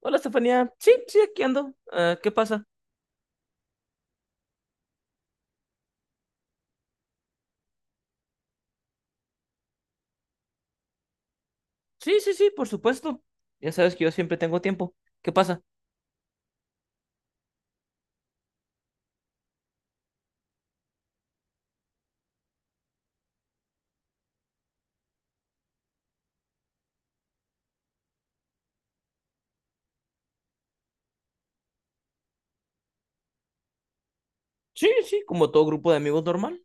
Hola, Estefanía. Sí, sí, aquí ando. ¿Qué pasa? Sí, sí, sí, por supuesto. Ya sabes que yo siempre tengo tiempo. ¿Qué pasa? Sí, sí, como todo grupo de amigos normal.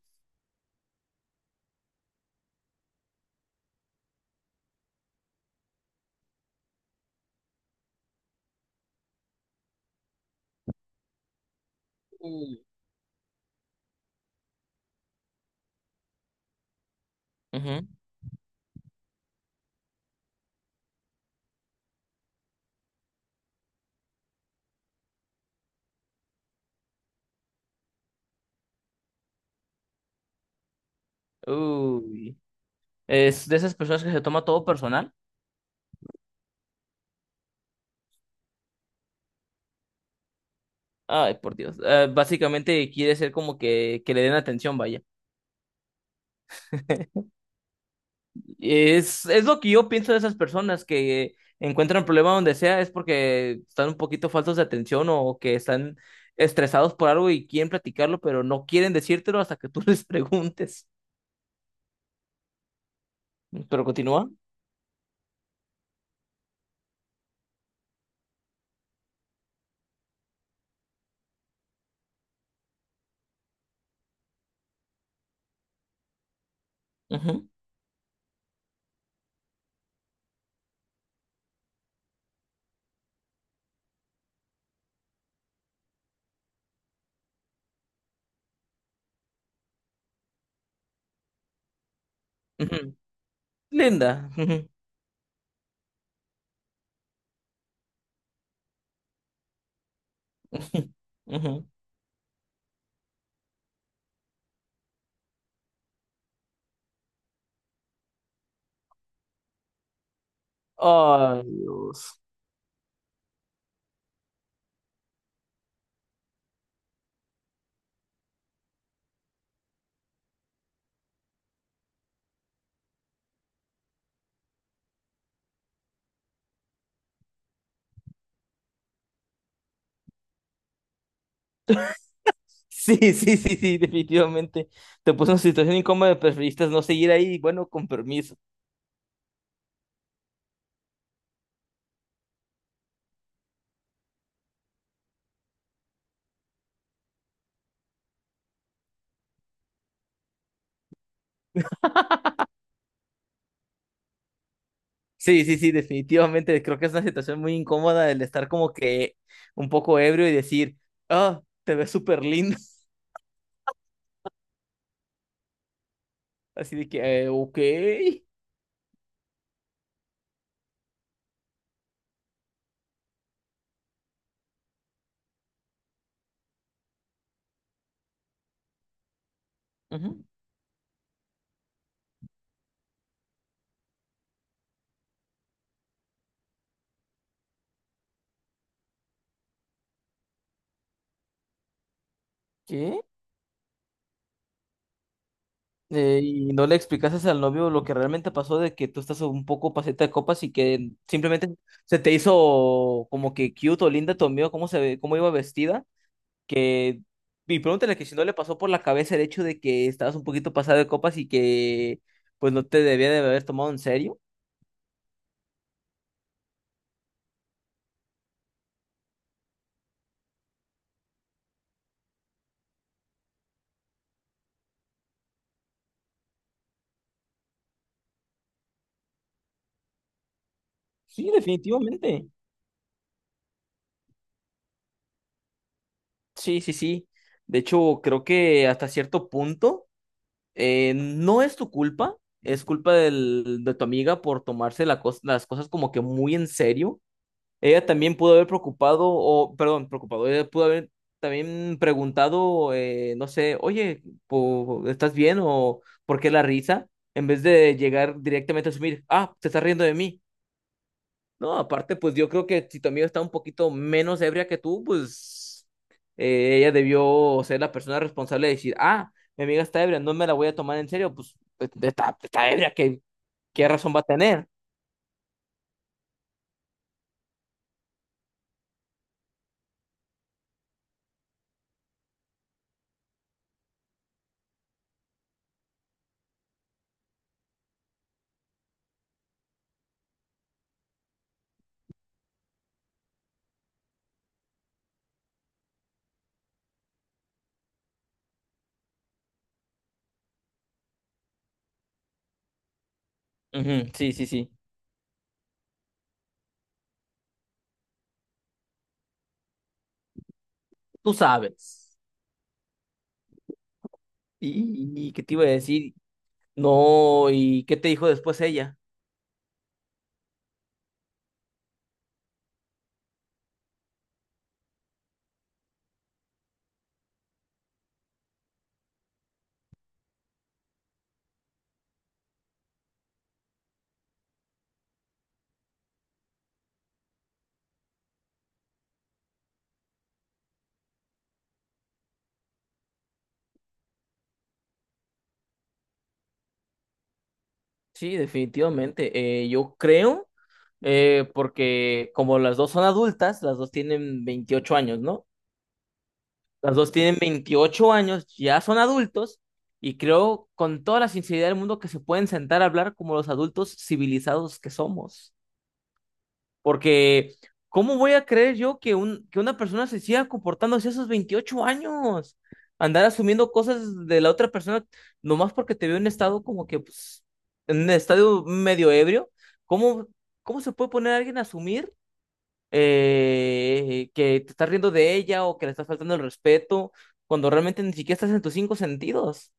Uy. Ujú. Uy. Es de esas personas que se toma todo personal. Ay, por Dios. Básicamente quiere ser como que le den atención, vaya. Es lo que yo pienso de esas personas que encuentran problema donde sea, es porque están un poquito faltos de atención o que están estresados por algo y quieren platicarlo, pero no quieren decírtelo hasta que tú les preguntes. Pero continúa. Ujú, ujú. Linda. Ujú, ujú, ujú. Ay, Dios. Sí, sí, sí, sí, definitivamente. Te puso en una situación incómoda, preferiste no seguir ahí, bueno, con permiso. Sí, sí, sí, definitivamente. Creo que es una situación muy incómoda el estar como que un poco ebrio y decir, ah, te ves súper lindo. Así de que, ok. Ujú. ¿Qué? ¿Y no le explicases al novio lo que realmente pasó de que tú estás un poco paseta de copas y que simplemente se te hizo como que cute o linda tu amigo, cómo se ve, cómo iba vestida, que y pregúntale que si no le pasó por la cabeza el hecho de que estabas un poquito pasada de copas y que pues no te debía de haber tomado en serio? Sí, definitivamente. Sí, sí, sí. De hecho, creo que hasta cierto punto no es tu culpa, es culpa de tu amiga por tomarse las cosas como que muy en serio. Ella también pudo haber preocupado, o perdón, preocupado, ella pudo haber también preguntado, no sé, oye, ¿estás bien o por qué la risa? En vez de llegar directamente a asumir, ah, te estás riendo de mí. No, aparte, pues yo creo que si tu amiga está un poquito menos ebria que tú, pues ella debió ser la persona responsable de decir, ah, mi amiga está ebria, no me la voy a tomar en serio, pues está ebria, ¿qué, qué razón va a tener? Ujú, sí, sí, sí. Tú sabes. ¿Y qué te iba a decir? No, ¿y qué te dijo después ella? Sí, definitivamente. Yo creo, porque como las dos son adultas, las dos tienen 28 años, ¿no? Las dos tienen 28 años, ya son adultos y creo con toda la sinceridad del mundo que se pueden sentar a hablar como los adultos civilizados que somos. Porque, ¿cómo voy a creer yo que una persona se siga comportando así a esos 28 años? Andar asumiendo cosas de la otra persona nomás porque te veo en estado como que, pues, en un estado medio ebrio. ¿Cómo, cómo se puede poner a alguien a asumir que te estás riendo de ella o que le estás faltando el respeto, cuando realmente ni siquiera estás en tus cinco sentidos?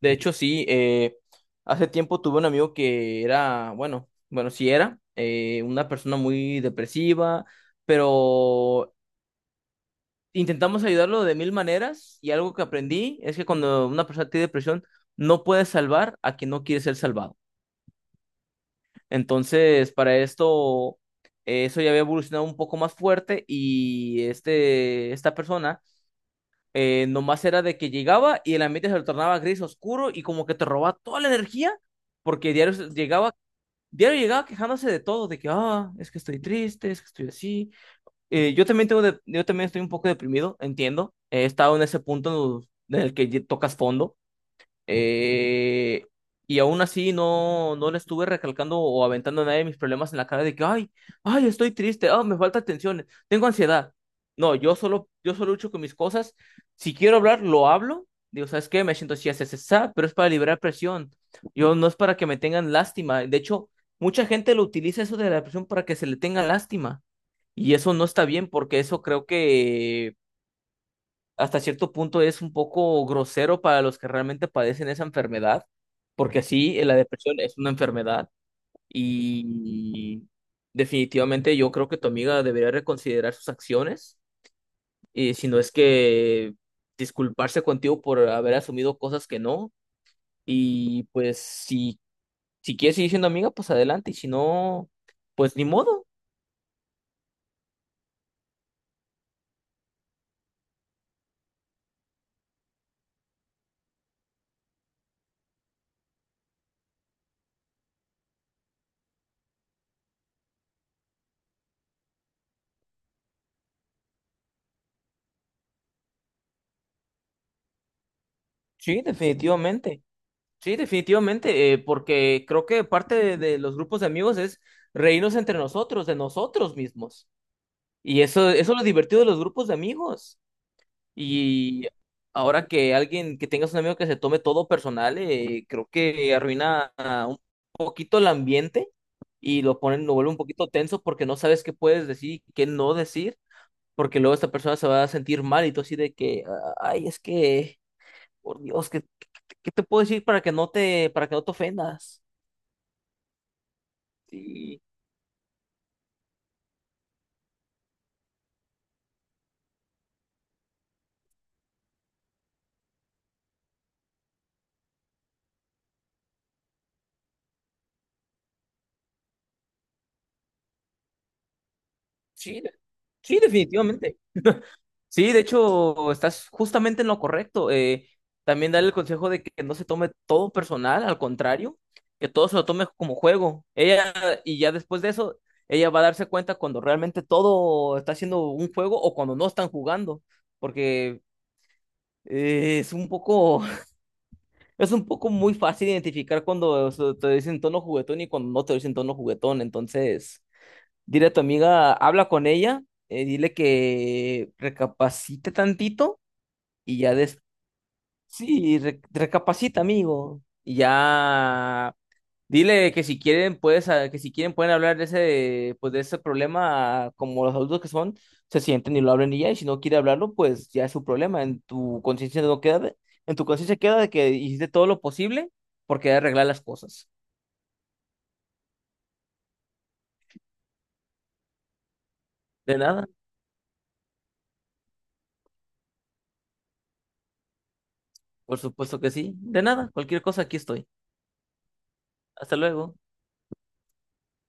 De hecho, sí, hace tiempo tuve un amigo que era, sí era, una persona muy depresiva, pero intentamos ayudarlo de mil maneras y algo que aprendí es que cuando una persona tiene depresión, no puedes salvar a quien no quiere ser salvado. Entonces, para esto, eso ya había evolucionado un poco más fuerte y esta persona nomás era de que llegaba y el ambiente se lo tornaba gris oscuro y como que te robaba toda la energía porque diario llegaba, diario llegaba quejándose de todo, de que, ah, es que estoy triste, es que estoy así. Yo también tengo yo también estoy un poco deprimido, entiendo. He estado en ese punto en el que tocas fondo. Eh, y aún así no le estuve recalcando o aventando a nadie mis problemas en la cara de que, ay, ay, estoy triste, ah, me falta atención, tengo ansiedad. No, yo solo lucho con mis cosas. Si quiero hablar, lo hablo. Digo, ¿sabes qué? Me siento así, así, así, así", pero es para liberar presión. Yo no es para que me tengan lástima. De hecho, mucha gente lo utiliza eso de la presión para que se le tenga lástima. Y eso no está bien porque eso creo que hasta cierto punto es un poco grosero para los que realmente padecen esa enfermedad, porque sí, la depresión es una enfermedad y definitivamente yo creo que tu amiga debería reconsiderar sus acciones, y si no es que disculparse contigo por haber asumido cosas que no, y pues si, si quieres seguir siendo amiga, pues adelante, y si no, pues ni modo, sí, definitivamente. Sí, definitivamente, porque creo que parte de los grupos de amigos es reírnos entre nosotros, de nosotros mismos. Y eso es lo divertido de los grupos de amigos. Y ahora que alguien, que tengas un amigo que se tome todo personal, creo que arruina ah, un poquito el ambiente y lo ponen, lo vuelve un poquito tenso porque no sabes qué puedes decir y qué no decir, porque luego esta persona se va a sentir mal y tú así de que, "Ah, ay, es que, por Dios, ¿qué, qué te puedo decir para que no te, para que no te ofendas? Sí, sí, sí, definitivamente. Sí, de hecho, estás justamente en lo correcto. También darle el consejo de que no se tome todo personal, al contrario, que todo se lo tome como juego. Ella, y ya después de eso, ella va a darse cuenta cuando realmente todo está siendo un juego o cuando no están jugando, porque es un poco, es un poco muy fácil identificar cuando o sea, te dicen tono juguetón y cuando no te dicen tono juguetón. Entonces, dile a tu amiga, habla con ella, dile que recapacite tantito y ya des... Sí, recapacita, amigo. Y ya dile que si quieren puedes ah, que si quieren pueden hablar de ese pues de ese problema ah, como los adultos que son, se sienten y lo hablan y ya, y si no quiere hablarlo, pues ya es su problema. En tu conciencia no queda en tu conciencia queda de que hiciste todo lo posible por querer arreglar las cosas. De nada, por supuesto que sí. De nada, cualquier cosa aquí estoy. Hasta luego.